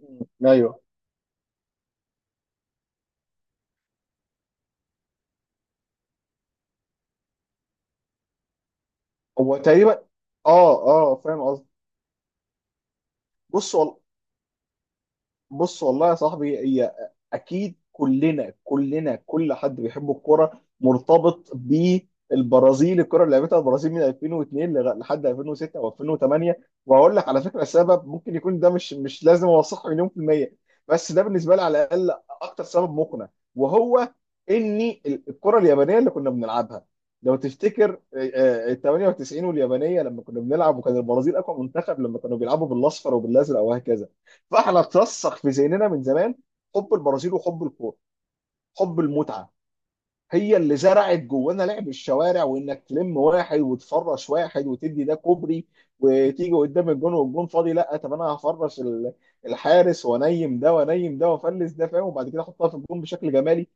مم. ايوه. هو تقريبا، اه فاهم قصدي. بص هو بص والله يا صاحبي، اكيد كلنا، كل حد بيحب الكوره مرتبط بالبرازيل. الكره اللي لعبتها البرازيل من 2002 لحد 2006 و2008. وهقول لك على فكره سبب ممكن يكون ده، مش لازم اوثقه مليون في الميه، بس ده بالنسبه لي على الاقل اكتر سبب مقنع. وهو ان الكره اليابانيه اللي كنا بنلعبها، لو تفتكر ال 98 واليابانيه لما كنا بنلعب، وكان البرازيل اقوى منتخب لما كانوا بيلعبوا بالاصفر وبالازرق وهكذا. فاحنا اترسخ في ذهننا من زمان حب البرازيل وحب الكوره، حب المتعه، هي اللي زرعت جوانا لعب الشوارع، وانك تلم واحد وتفرش واحد وتدي ده كوبري، وتيجي قدام الجون والجون فاضي. لا طب، انا هفرش الحارس، وانيم ده وانيم ده وافلس ده، فاهم، وبعد كده احطها في الجون بشكل جمالي.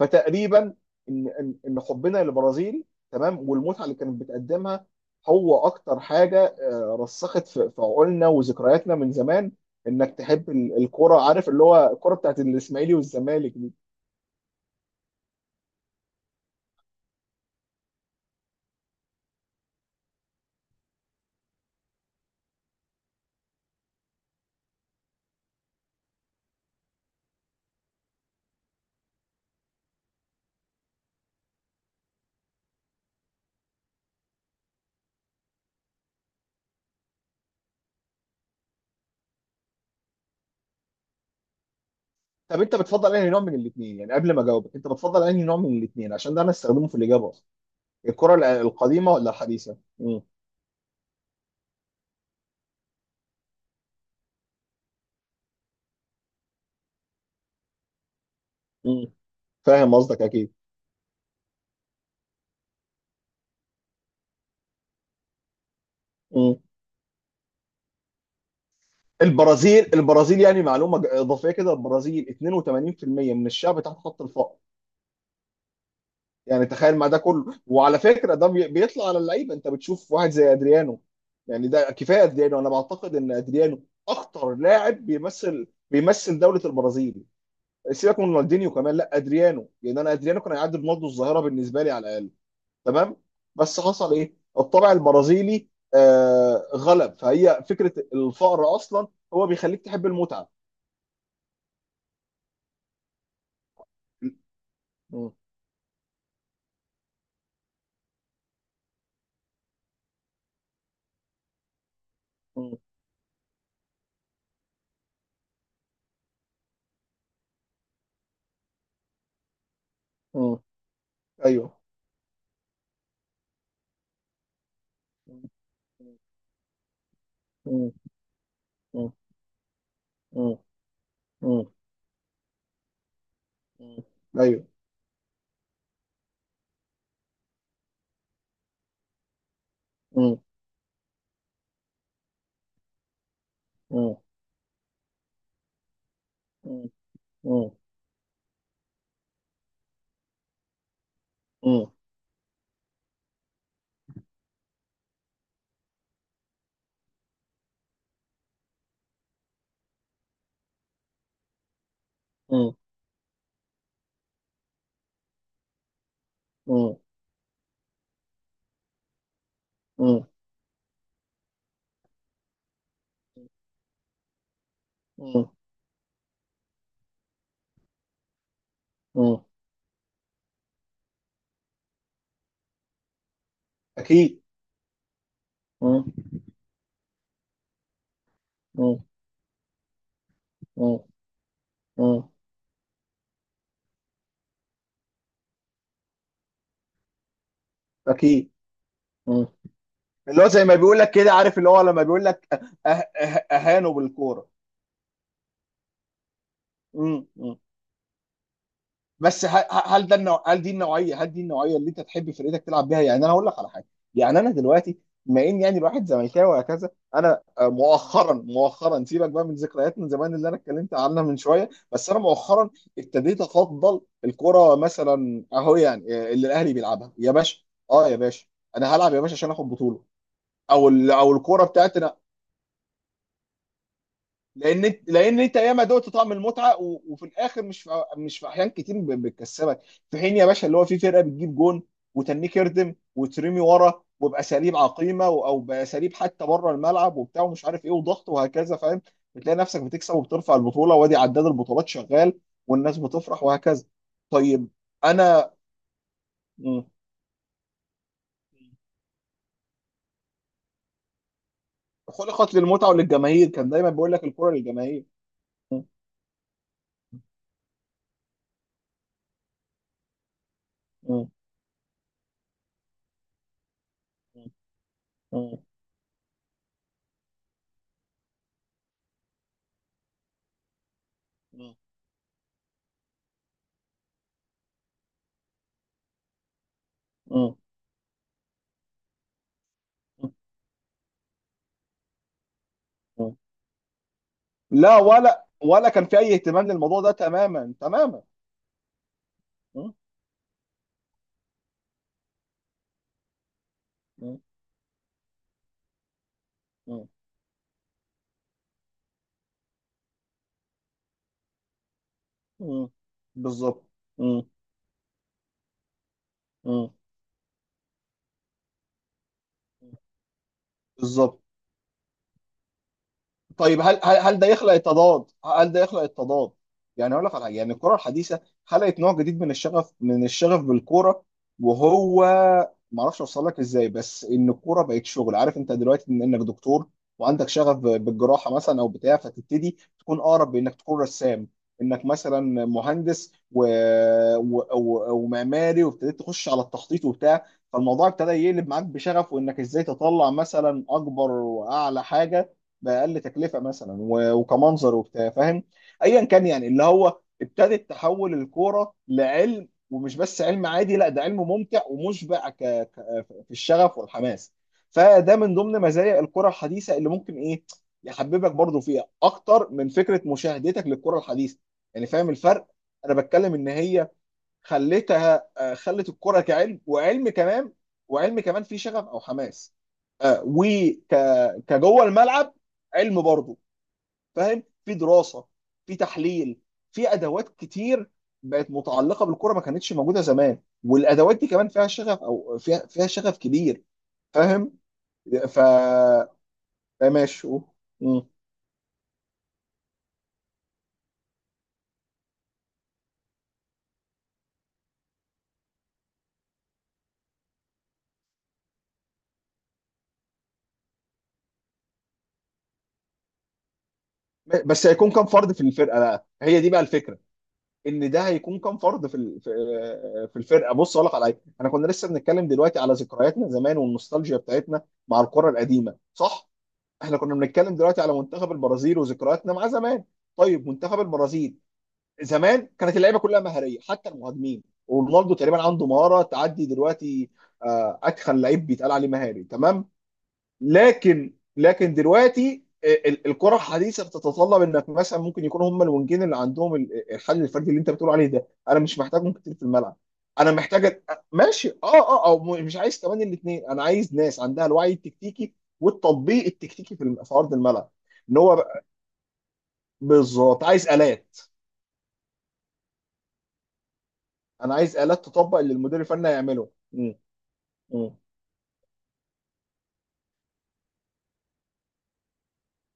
فتقريبا ان حبنا للبرازيل، تمام، والمتعه اللي كانت بتقدمها، هو اكتر حاجه رسخت في عقولنا وذكرياتنا من زمان. انك تحب الكرة، عارف، اللي هو الكرة بتاعت الاسماعيلي والزمالك دي. طب انت بتفضل انهي نوع من الاثنين؟ يعني قبل ما اجاوبك، انت بتفضل انهي نوع من الاثنين عشان ده انا استخدمه في الاجابه اصلا، الكرة القديمه ولا الحديثه؟ مم. مم. فاهم قصدك، اكيد. مم. البرازيل البرازيل، يعني معلومه اضافيه كده، البرازيل 82% من الشعب تحت خط الفقر. يعني تخيل مع ده كله، وعلى فكره ده بيطلع على اللعيبه، انت بتشوف واحد زي ادريانو. يعني ده كفايه ادريانو، انا بعتقد ان ادريانو اخطر لاعب بيمثل دوله البرازيل. سيبك من رونالدينيو كمان، لا، ادريانو، لان انا ادريانو كان هيعدي برونالدو الظاهره بالنسبه لي على الاقل. تمام. بس حصل ايه؟ الطبع البرازيلي غلب، فهي فكره الفقر اصلا هو بيخليك تحب المتعه. م- م- م- ايوه. م- م- م- م- م- ايوه. مم. مم. مم. مم. مم. مم. مم. مم. مم. مم. اكيد. مم. مم. مم. مم. اكيد. مم. اللي هو زي ما بيقول لك كده، عارف، اللي هو لما بيقول لك، أه اهانوا بالكوره. مم. بس هل دي النوعيه اللي انت تحب فرقتك تلعب بيها؟ يعني انا هقول لك على حاجه. يعني انا دلوقتي، بما ان يعني الواحد زملكاوي وهكذا، انا مؤخرا مؤخرا، سيبك بقى من ذكريات من زمان اللي انا اتكلمت عنها من شويه، بس انا مؤخرا ابتديت افضل الكره مثلا اهو، يعني اللي الاهلي بيلعبها يا باشا. اه يا باشا. انا هلعب يا باشا عشان اخد بطوله. او او الكوره بتاعت، لان انت ياما دقت طعم المتعه، وفي الاخر مش مش في احيان كتير بتكسبك، في حين يا باشا اللي هو في فرقه بتجيب جون وتنيك يردم وترمي ورا وباساليب عقيمه، او باساليب حتى بره الملعب وبتاع ومش عارف ايه وضغط وهكذا، فاهم، بتلاقي نفسك بتكسب وبترفع البطوله، وادي عداد البطولات شغال والناس بتفرح وهكذا. طيب. انا م- خلقت للمتعه وللجماهير، كان دايما بيقول لك الكره للجماهير. م- م- م- م- م- م- م- لا، ولا ولا كان في اي اهتمام للموضوع ده تماما تماما. م- م- م- م. بالظبط. م- م. بالظبط. طيب، هل هل ده يخلق التضاد؟ هل ده يخلق التضاد؟ يعني اقول لك على حاجه. يعني الكره الحديثه خلقت نوع جديد من الشغف، من الشغف بالكوره. وهو ما اعرفش اوصل لك ازاي، بس ان الكوره بقت شغل. عارف انت دلوقتي، ان انك دكتور وعندك شغف بالجراحه مثلا او بتاع، فتبتدي تكون اقرب بانك تكون رسام، انك مثلا مهندس ومعماري، وابتديت تخش على التخطيط وبتاع، فالموضوع ابتدى يقلب معاك بشغف، وانك ازاي تطلع مثلا اكبر واعلى حاجه باقل تكلفه مثلا، وكمنظر وبتاع، فاهم. ايا كان، يعني اللي هو ابتدت تحول الكوره لعلم، ومش بس علم عادي، لا، ده علم ممتع ومشبع في الشغف والحماس. فده من ضمن مزايا الكره الحديثه اللي ممكن ايه، يحببك برضو فيها اكتر من فكره مشاهدتك للكره الحديثه. يعني فاهم الفرق؟ انا بتكلم ان هي خلتها خلت الكرة كعلم، وعلم كمان، وعلم كمان فيه شغف او حماس، آه، وك كجوه الملعب علم برضه، فاهم، في دراسه، في تحليل، في ادوات كتير بقت متعلقه بالكره ما كانتش موجوده زمان، والادوات دي كمان فيها شغف، او فيها شغف كبير، فاهم. ف آه، ماشي. أوه. مم. بس هيكون كام فرد في الفرقه بقى، هي دي بقى الفكره، ان ده هيكون كام فرد في في الفرقه. بص اقول لك على حاجه، احنا كنا لسه بنتكلم دلوقتي على ذكرياتنا زمان والنوستالجيا بتاعتنا مع الكره القديمه، صح؟ احنا كنا بنتكلم دلوقتي على منتخب البرازيل وذكرياتنا مع زمان. طيب، منتخب البرازيل زمان كانت اللعيبه كلها مهاريه حتى المهاجمين، ورونالدو تقريبا عنده مهاره تعدي دلوقتي اتخن لعيب بيتقال عليه مهاري، تمام. لكن دلوقتي الكره الحديثه بتتطلب انك مثلا، ممكن يكون هم الونجين اللي عندهم الحل الفردي اللي انت بتقول عليه ده، انا مش محتاجهم كتير في الملعب. انا محتاج ماشي، اه اه، او مش عايز كمان الاثنين، انا عايز ناس عندها الوعي التكتيكي والتطبيق التكتيكي في في ارض الملعب. ان هو بقى- بالظبط، عايز الات انا عايز الات تطبق اللي المدير الفني هيعمله. مم. مم.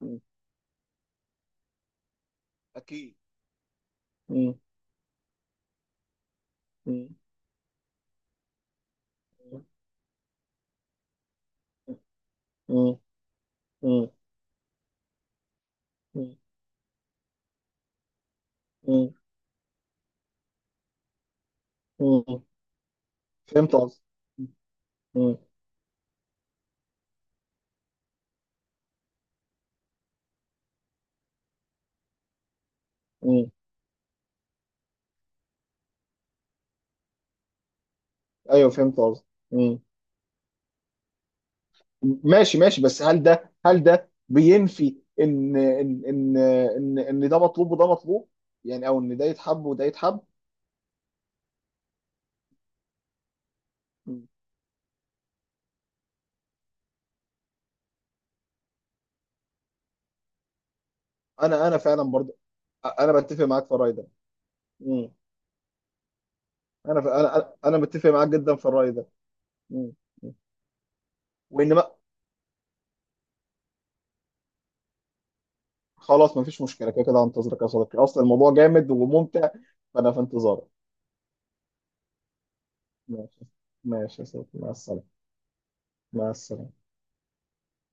مم. اكيد. مم. مم. مم. مم. مم. مم. فهمت قصدي. مم. مم. ايوه، فهمت قصدي. مم. ماشي ماشي، بس هل ده، هل ده بينفي ان إن ده مطلوب وده مطلوب، يعني، او ان ده يتحب وده يتحب. مم. انا فعلا برضه. انا بتفق معاك في الراي ده. مم. انا أنا متفق معاك جدا في الراي ده. مم. مم. وان ما خلاص، مفيش مشكله، كده كده هنتظرك يا صديقي اصلا، الموضوع جامد وممتع. فانا في انتظارك. ماشي. ماشي يا صديقي، مع السلامه. مع السلامه.